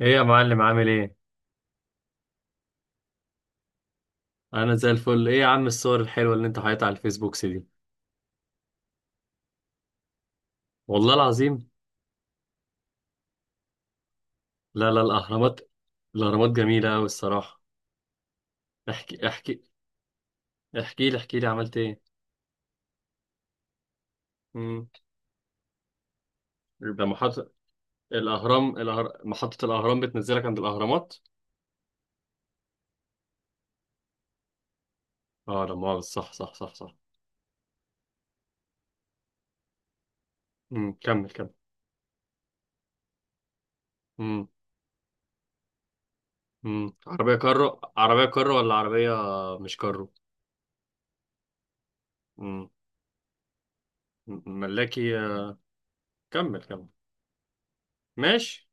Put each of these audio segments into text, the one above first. ايه يا معلم، عامل ايه؟ انا زي الفل. ايه يا عم الصور الحلوه اللي انت حاططها على الفيسبوك دي؟ والله العظيم؟ لا، لا، الاهرامات. الاهرامات جميله قوي الصراحه. احكي، احكي، احكي لي، احكي لي، عملت ايه؟ امم. يبقى محطه الاهرام محطه الاهرام بتنزلك عند الاهرامات. اه، لا مؤاخذه، صح، صح، صح، صح. امم، كمل، كمل. امم، امم، عربيه كارو، عربيه كارو، ولا عربيه؟ مش كارو؟ امم، ملاكي، كمل، كمل. ماشي.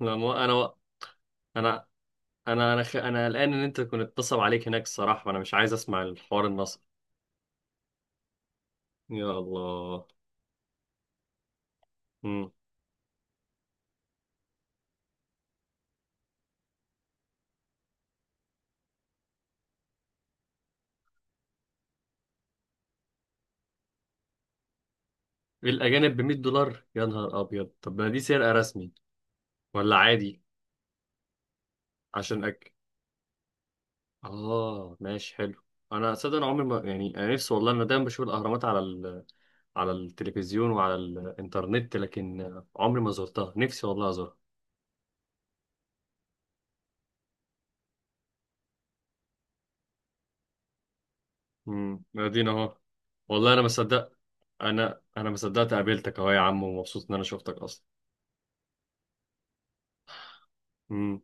لا، انا انا قلقان ان انت تكون اتنصب عليك هناك، الصراحه انا مش عايز اسمع الحوار النصب. يا الله. امم، الاجانب ب 100 دولار؟ يا نهار ابيض، طب ما دي سرقه رسمي؟ ولا عادي عشان اكل؟ اه، ماشي، حلو. انا صدق انا عمري ما، يعني، انا نفسي والله. انا دايما بشوف الاهرامات على على التلفزيون وعلى الانترنت، لكن عمري ما زرتها. نفسي والله ازورها. امم، ادينا اهو. والله انا ما صدقت، انا ما صدقت قابلتك اهو يا عم، ومبسوط ان انا شفتك اصلا.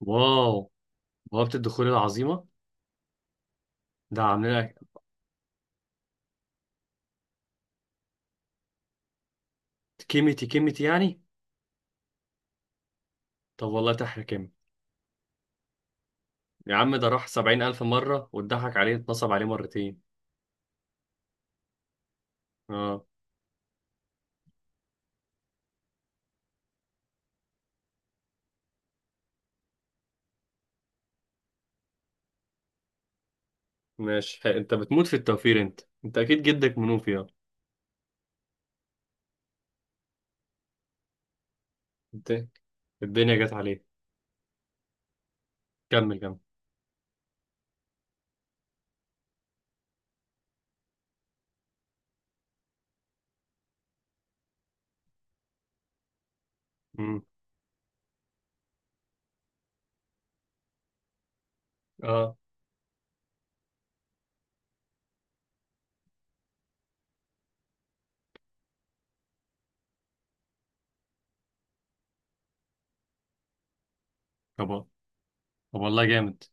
واو، بوابة الدخول العظيمة؟ ده عاملينها كيميتي، كيميتي، يعني؟ طب والله تحرى كام؟ يا عم، ده راح 70,000 مرة، واتضحك عليه، اتنصب عليه مرتين. اه ماشي، حق. انت بتموت في التوفير. انت اكيد جدك منوفي، اه. انت الدنيا جت عليه. كمل، كمل. مم. اه، طب طب والله جامد.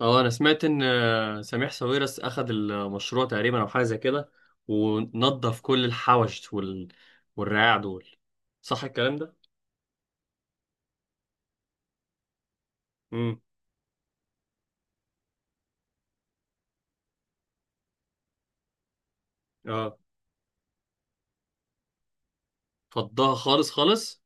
اه، انا سمعت ان سميح ساويرس اخد المشروع تقريبا، او حاجة زي كده. ونظف كل الحوش والرعاع دول. صح الكلام ده؟ امم. اه، فضها خالص، خالص.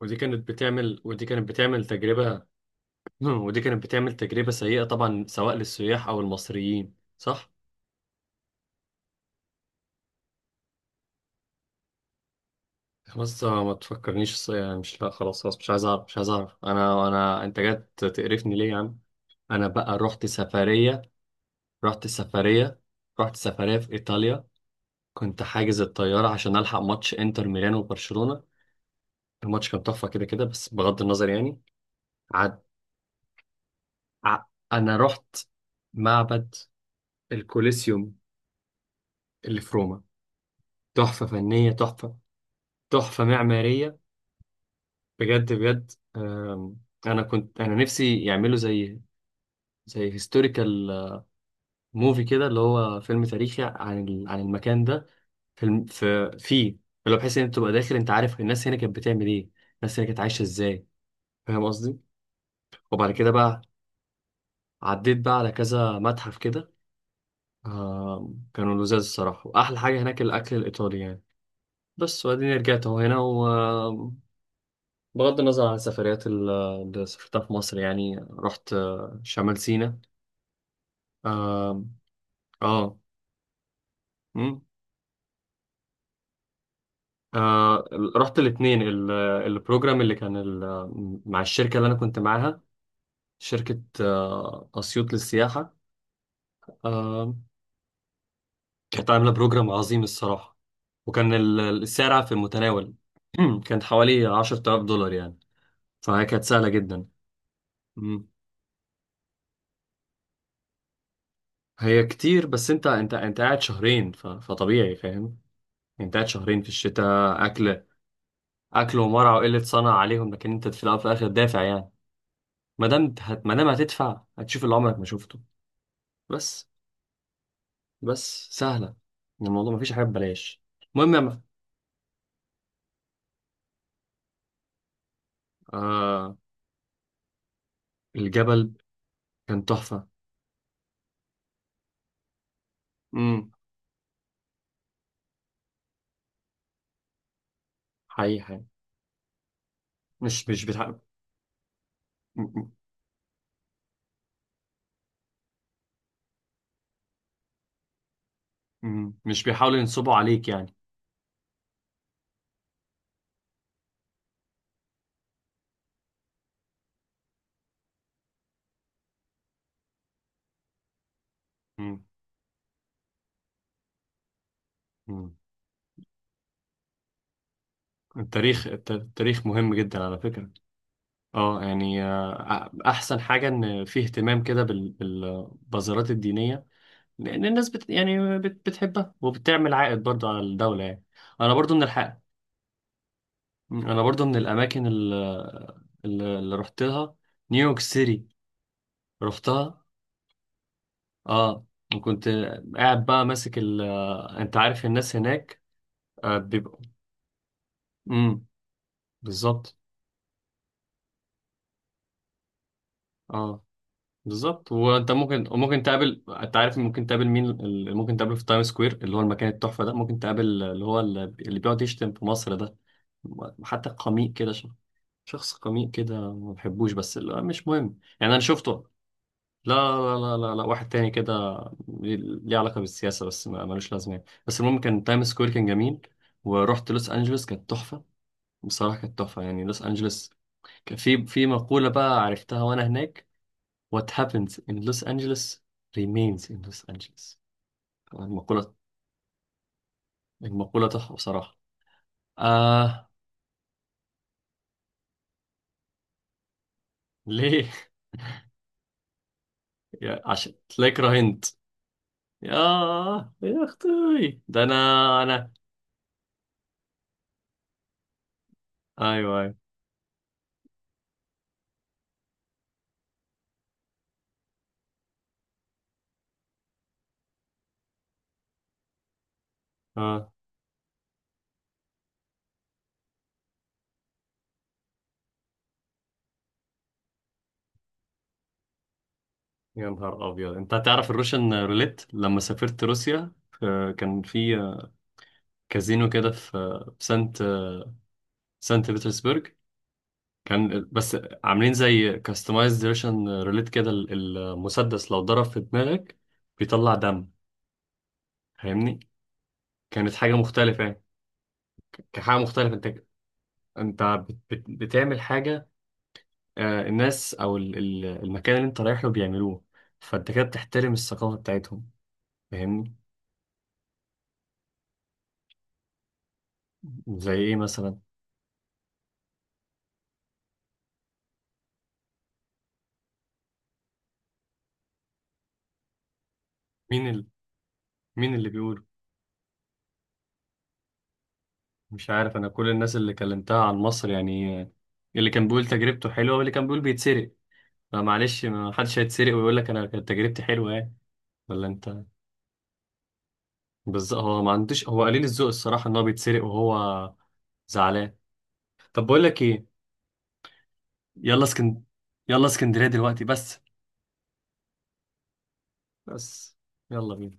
ودي كانت بتعمل تجربة. ودي كانت بتعمل تجربة سيئة طبعا، سواء للسياح أو المصريين، صح؟ خلاص، ما تفكرنيش يعني مش، لا، خلاص، خلاص، مش عايز أعرف، مش عايز أعرف. أنا أنا أنت جات تقرفني ليه يا عم؟ أنا بقى رحت سفرية رحت سفرية رحت سفرية في إيطاليا. كنت حاجز الطيارة عشان ألحق ماتش إنتر ميلان وبرشلونة. الماتش كان تحفة، كده كده، بس بغض النظر يعني. عد... ع... أنا رحت معبد الكوليسيوم اللي في روما. تحفة فنية، تحفة، تحفة معمارية، بجد، بجد، أنا كنت، نفسي يعملوا زي هيستوريكال موفي كده، اللي هو فيلم تاريخي عن عن المكان ده. في الم- في فيه اللي هو، بحيث إن أنت تبقى داخل، أنت عارف الناس هنا كانت بتعمل إيه، الناس هنا كانت عايشة إزاي. فاهم قصدي؟ وبعد كده بقى عديت بقى على كذا متحف كده. كانوا لذاذ الصراحة، وأحلى حاجة هناك الأكل الإيطالي يعني. بس، وبعدين رجعت أهو هنا. بغض النظر عن السفريات اللي سافرتها في مصر، يعني رحت شمال سيناء. اه. اه. مم. آه، رحت الاثنين. البروجرام اللي كان مع الشركة اللي انا كنت معاها، شركة اسيوط للسياحة. آه، كانت عاملة بروجرام عظيم الصراحة، وكان السعر في المتناول. كانت حوالي 10,000 دولار يعني، فهي كانت سهلة جدا. مم. هي كتير، بس انت قاعد شهرين، فطبيعي، فاهم؟ انت قاعد شهرين في الشتاء، اكل، اكل، ومرع، وقله صنع عليهم، لكن انت في الاول وفي الاخر دافع يعني. ما دام هتدفع هتشوف اللي عمرك ما شفته، بس. بس سهله، الموضوع ما فيش حاجه ببلاش. المهم آه الجبل كان تحفه. امم. حقيقي، حقيقي. مش مش بتح... م- م- م- مش بيحاولوا ينصبوا عليك يعني. امم، امم. التاريخ مهم جدا على فكره. اه، يعني احسن حاجه ان فيه اهتمام كده بالبازارات الدينيه، لأن الناس يعني بتحبها، وبتعمل عائد برضو على الدولة يعني. أنا برضو من الحق، أنا برضو من الأماكن اللي رحتها، نيويورك سيتي. رحتها، اه. وكنت قاعد بقى ماسك ال آه، أنت عارف الناس هناك بيبقوا. امم. بالظبط، اه، بالظبط. وانت ممكن تقابل، انت عارف، ممكن تقابل مين، اللي ممكن تقابله في تايم سكوير، اللي هو المكان التحفه ده، ممكن تقابل اللي هو اللي بيقعد يشتم في مصر، ده حتى قميء كده. شخص قميء كده، ما بحبوش، بس لا، مش مهم يعني. انا شفته. لا، لا، لا، لا، لا. واحد تاني كده، ليه علاقة بالسياسة، بس ما ملوش لازمة يعني. بس المهم، كان تايم سكوير كان جميل. ورحت لوس انجلوس، كانت تحفة بصراحة. كانت تحفة يعني لوس انجلوس. كان في مقولة بقى عرفتها وانا هناك. What happens in Los Angeles remains in Los Angeles. المقولة المقولة تحفة بصراحة. آه، ليه؟ عشان تلاقي كرهنت؟ يا يا اختي، ده انا. ايوه، ايوه، اه. يا نهار ابيض، انت تعرف الروشن روليت لما سافرت روسيا؟ كان في كازينو كده، في سانت بطرسبرغ. كان، بس عاملين زي كاستمايزد روشن روليت كده، المسدس لو ضرب في دماغك بيطلع دم، فاهمني؟ كانت حاجه مختلفه يعني، كانت حاجه مختلفه. انت بتعمل حاجه، الناس او المكان اللي انت رايح له بيعملوه، فانت كده بتحترم الثقافه بتاعتهم. فاهمني؟ زي ايه مثلا؟ مين ال... مين اللي بيقول؟ مش عارف، انا كل الناس اللي كلمتها عن مصر يعني، اللي كان بيقول تجربته حلوه، واللي كان بيقول بيتسرق. فمعلش، ما حدش هيتسرق ويقول لك انا كانت تجربتي حلوه يعني. ولا انت، بالظبط. هو ما عندوش، هو قليل الذوق، الصراحه ان هو بيتسرق وهو زعلان. طب بقول لك ايه، يلا اسكن يلا اسكندريه دلوقتي، بس. بس، يلا بينا.